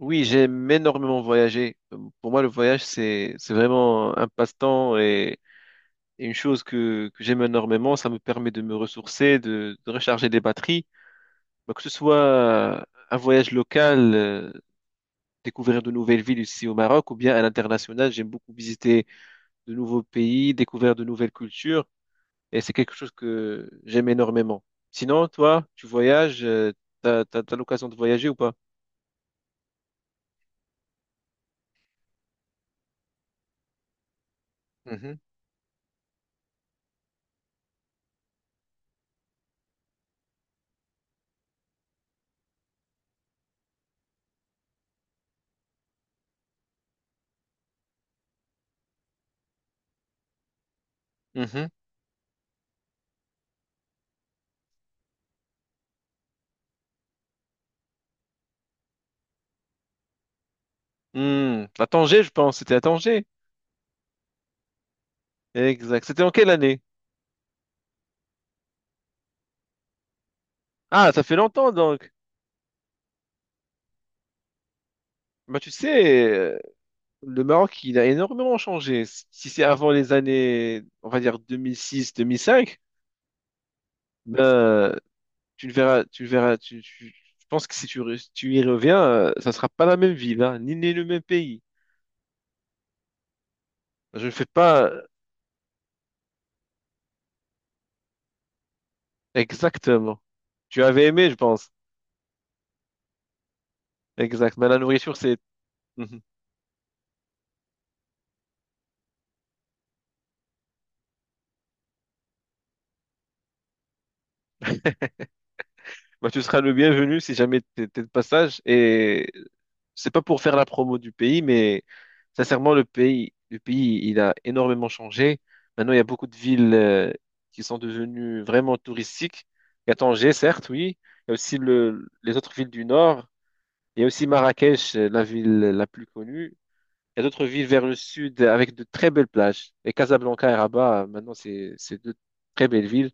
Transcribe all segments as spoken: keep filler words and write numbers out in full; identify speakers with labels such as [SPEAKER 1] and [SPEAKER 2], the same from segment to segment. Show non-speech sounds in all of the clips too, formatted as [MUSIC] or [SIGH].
[SPEAKER 1] Oui, j'aime énormément voyager. Pour moi, le voyage, c'est, c'est vraiment un passe-temps et, et une chose que, que j'aime énormément. Ça me permet de me ressourcer, de, de recharger des batteries. Donc, que ce soit un voyage local, euh, découvrir de nouvelles villes ici au Maroc, ou bien à l'international, j'aime beaucoup visiter de nouveaux pays, découvrir de nouvelles cultures. Et c'est quelque chose que j'aime énormément. Sinon, toi, tu voyages, euh, t'as, t'as, t'as l'occasion de voyager ou pas? Mhm. Mhm. Hmm, à Tanger, je pense. C'était à Tanger. Exact. C'était en quelle année? Ah, ça fait longtemps donc. Bah, tu sais, euh, le Maroc, il a énormément changé. Si c'est avant les années, on va dire deux mille six, deux mille cinq, ben, tu le verras, tu le verras, tu, tu- je pense que si tu, re- tu y reviens, euh, ça sera pas la même ville, hein, ni, ni le même pays. Je ne fais pas exactement. Tu avais aimé, je pense. Exact. Mais la nourriture, c'est. [LAUGHS] Bah, tu seras le bienvenu si jamais t'es t'es de passage. Et c'est pas pour faire la promo du pays, mais sincèrement, le pays, le pays, il a énormément changé. Maintenant, il y a beaucoup de villes euh, qui sont devenues vraiment touristiques. Il y a Tanger, certes, oui. Il y a aussi le, les autres villes du nord. Il y a aussi Marrakech, euh, la ville la plus connue. Il y a d'autres villes vers le sud euh, avec de très belles plages. Et Casablanca et Rabat, euh, maintenant, c'est c'est deux très belles villes.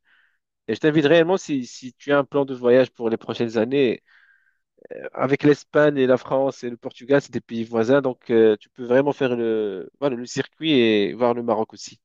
[SPEAKER 1] Et je t'invite réellement, si, si tu as un plan de voyage pour les prochaines années, avec l'Espagne et la France et le Portugal, c'est des pays voisins, donc euh, tu peux vraiment faire le, voilà, le circuit et voir le Maroc aussi.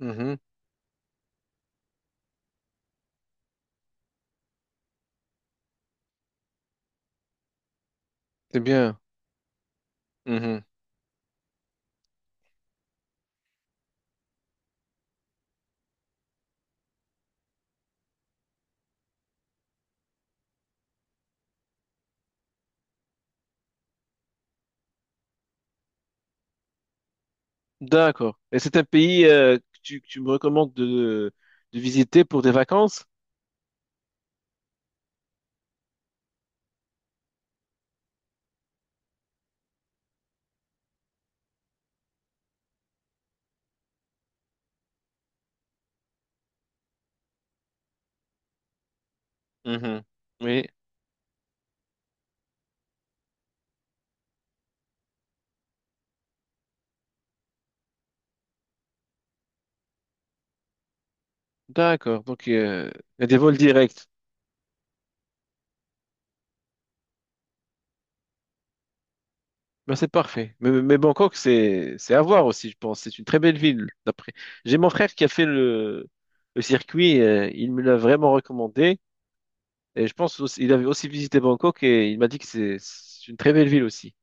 [SPEAKER 1] Mhm. C'est bien. Mhm. D'accord. Et c'est un pays euh, que tu, que tu me recommandes de, de visiter pour des vacances? Mhm. Oui, d'accord. Donc, euh, il y a des vols directs. Ben, c'est parfait. Mais, mais Bangkok, c'est, c'est à voir aussi, je pense. C'est une très belle ville, d'après. J'ai mon frère qui a fait le, le circuit. Euh, il me l'a vraiment recommandé. Et je pense aussi, il avait aussi visité Bangkok et il m'a dit que c'est c'est une très belle ville aussi.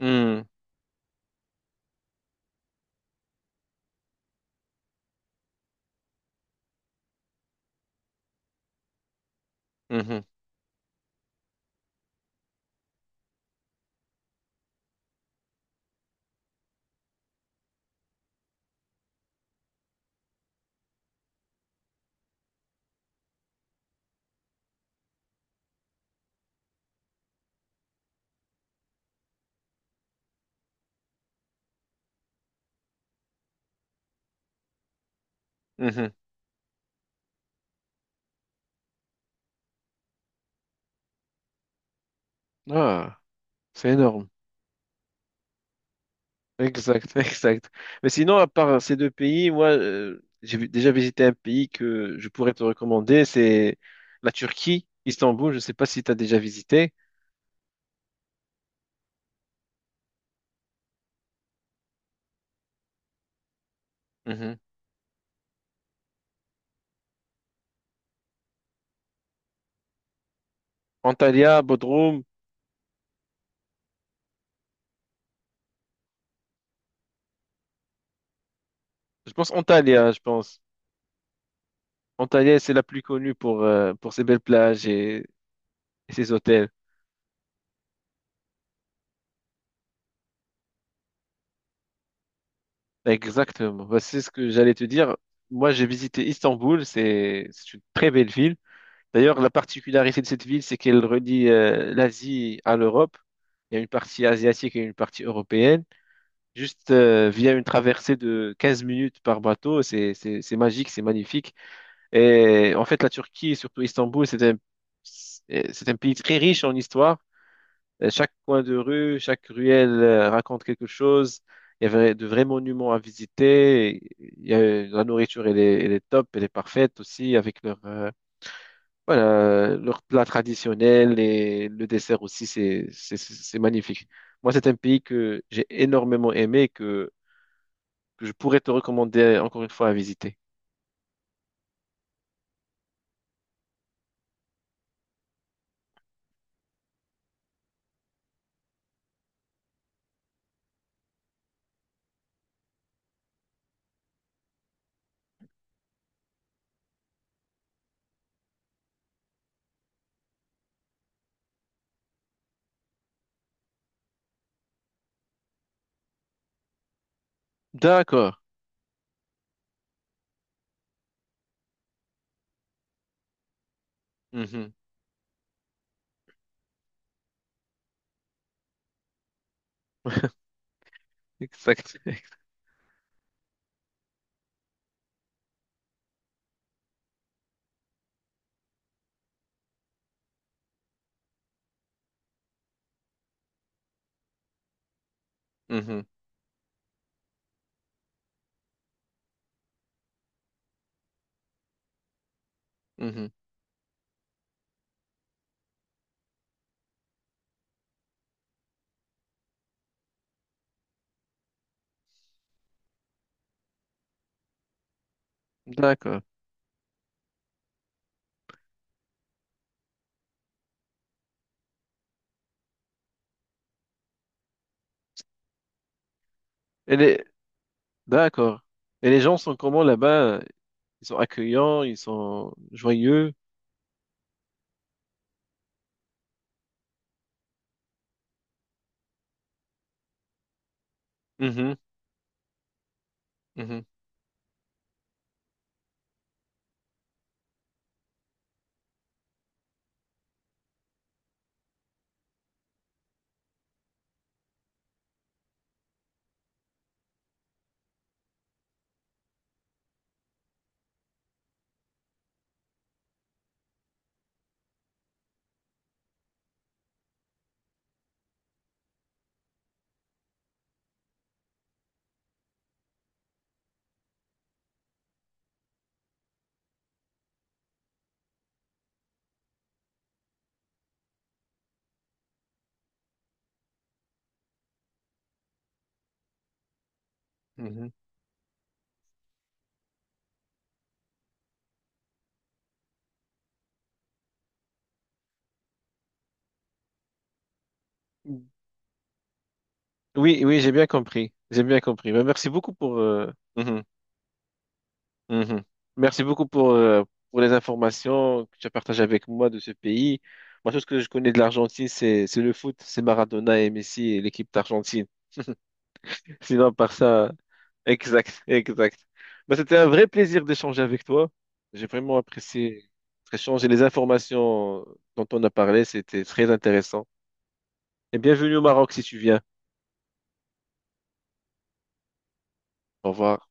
[SPEAKER 1] Hmm, mhm, mhm. Ah, c'est énorme. Exact, [LAUGHS] exact. Mais sinon, à part ces deux pays, moi, euh, j'ai vu- déjà visité un pays que je pourrais te recommander, c'est la Turquie, Istanbul. Je ne sais pas si tu as déjà visité. Mhm. Antalya, Bodrum. Je pense Antalya, je pense. Antalya, c'est la plus connue pour, euh, pour ses belles plages et, et ses hôtels. Exactement. Bah, c'est ce que j'allais te dire. Moi, j'ai visité Istanbul. C'est c'est une très belle ville. D'ailleurs, la particularité de cette ville, c'est qu'elle relie euh, l'Asie à l'Europe. Il y a une partie asiatique et une partie européenne. Juste euh, via une traversée de quinze minutes par bateau, c'est c'est- c'est magique, c'est magnifique. Et en fait, la Turquie, et surtout Istanbul, c'est un, c'est un pays très riche en histoire. Euh, Chaque coin de rue, chaque ruelle euh, raconte quelque chose. Il y avait de vrais monuments à visiter. Et il y a, la nourriture, elle est, elle est top, elle est parfaite aussi avec leur, euh, voilà, leur plat traditionnel et le dessert aussi, c'est, c'est, c'est c'est magnifique. Moi, c'est un pays que j'ai énormément aimé et que, que je pourrais te recommander encore une fois à visiter. D'accord. Mhm. Exact. [LAUGHS] Mhm. Mhm. D'accord. Elle est, d'accord. Et les gens sont comment là-bas? Ils sont accueillants, ils sont joyeux. Mhm, mhm, mhm. Oui, oui, j'ai bien compris. J'ai bien compris. Ben, merci beaucoup pour, euh, mhm, mhm. Merci beaucoup pour, euh, pour les informations que tu as partagées avec moi de ce pays. Moi, tout ce que je connais de l'Argentine, c'est, c'est le foot, c'est Maradona et Messi et l'équipe d'Argentine. Sinon, par ça, exact, exact. Bah, c'était un vrai plaisir d'échanger avec toi. J'ai vraiment apprécié notre échange et les informations dont on a parlé. C'était très intéressant. Et bienvenue au Maroc si tu viens. Au revoir.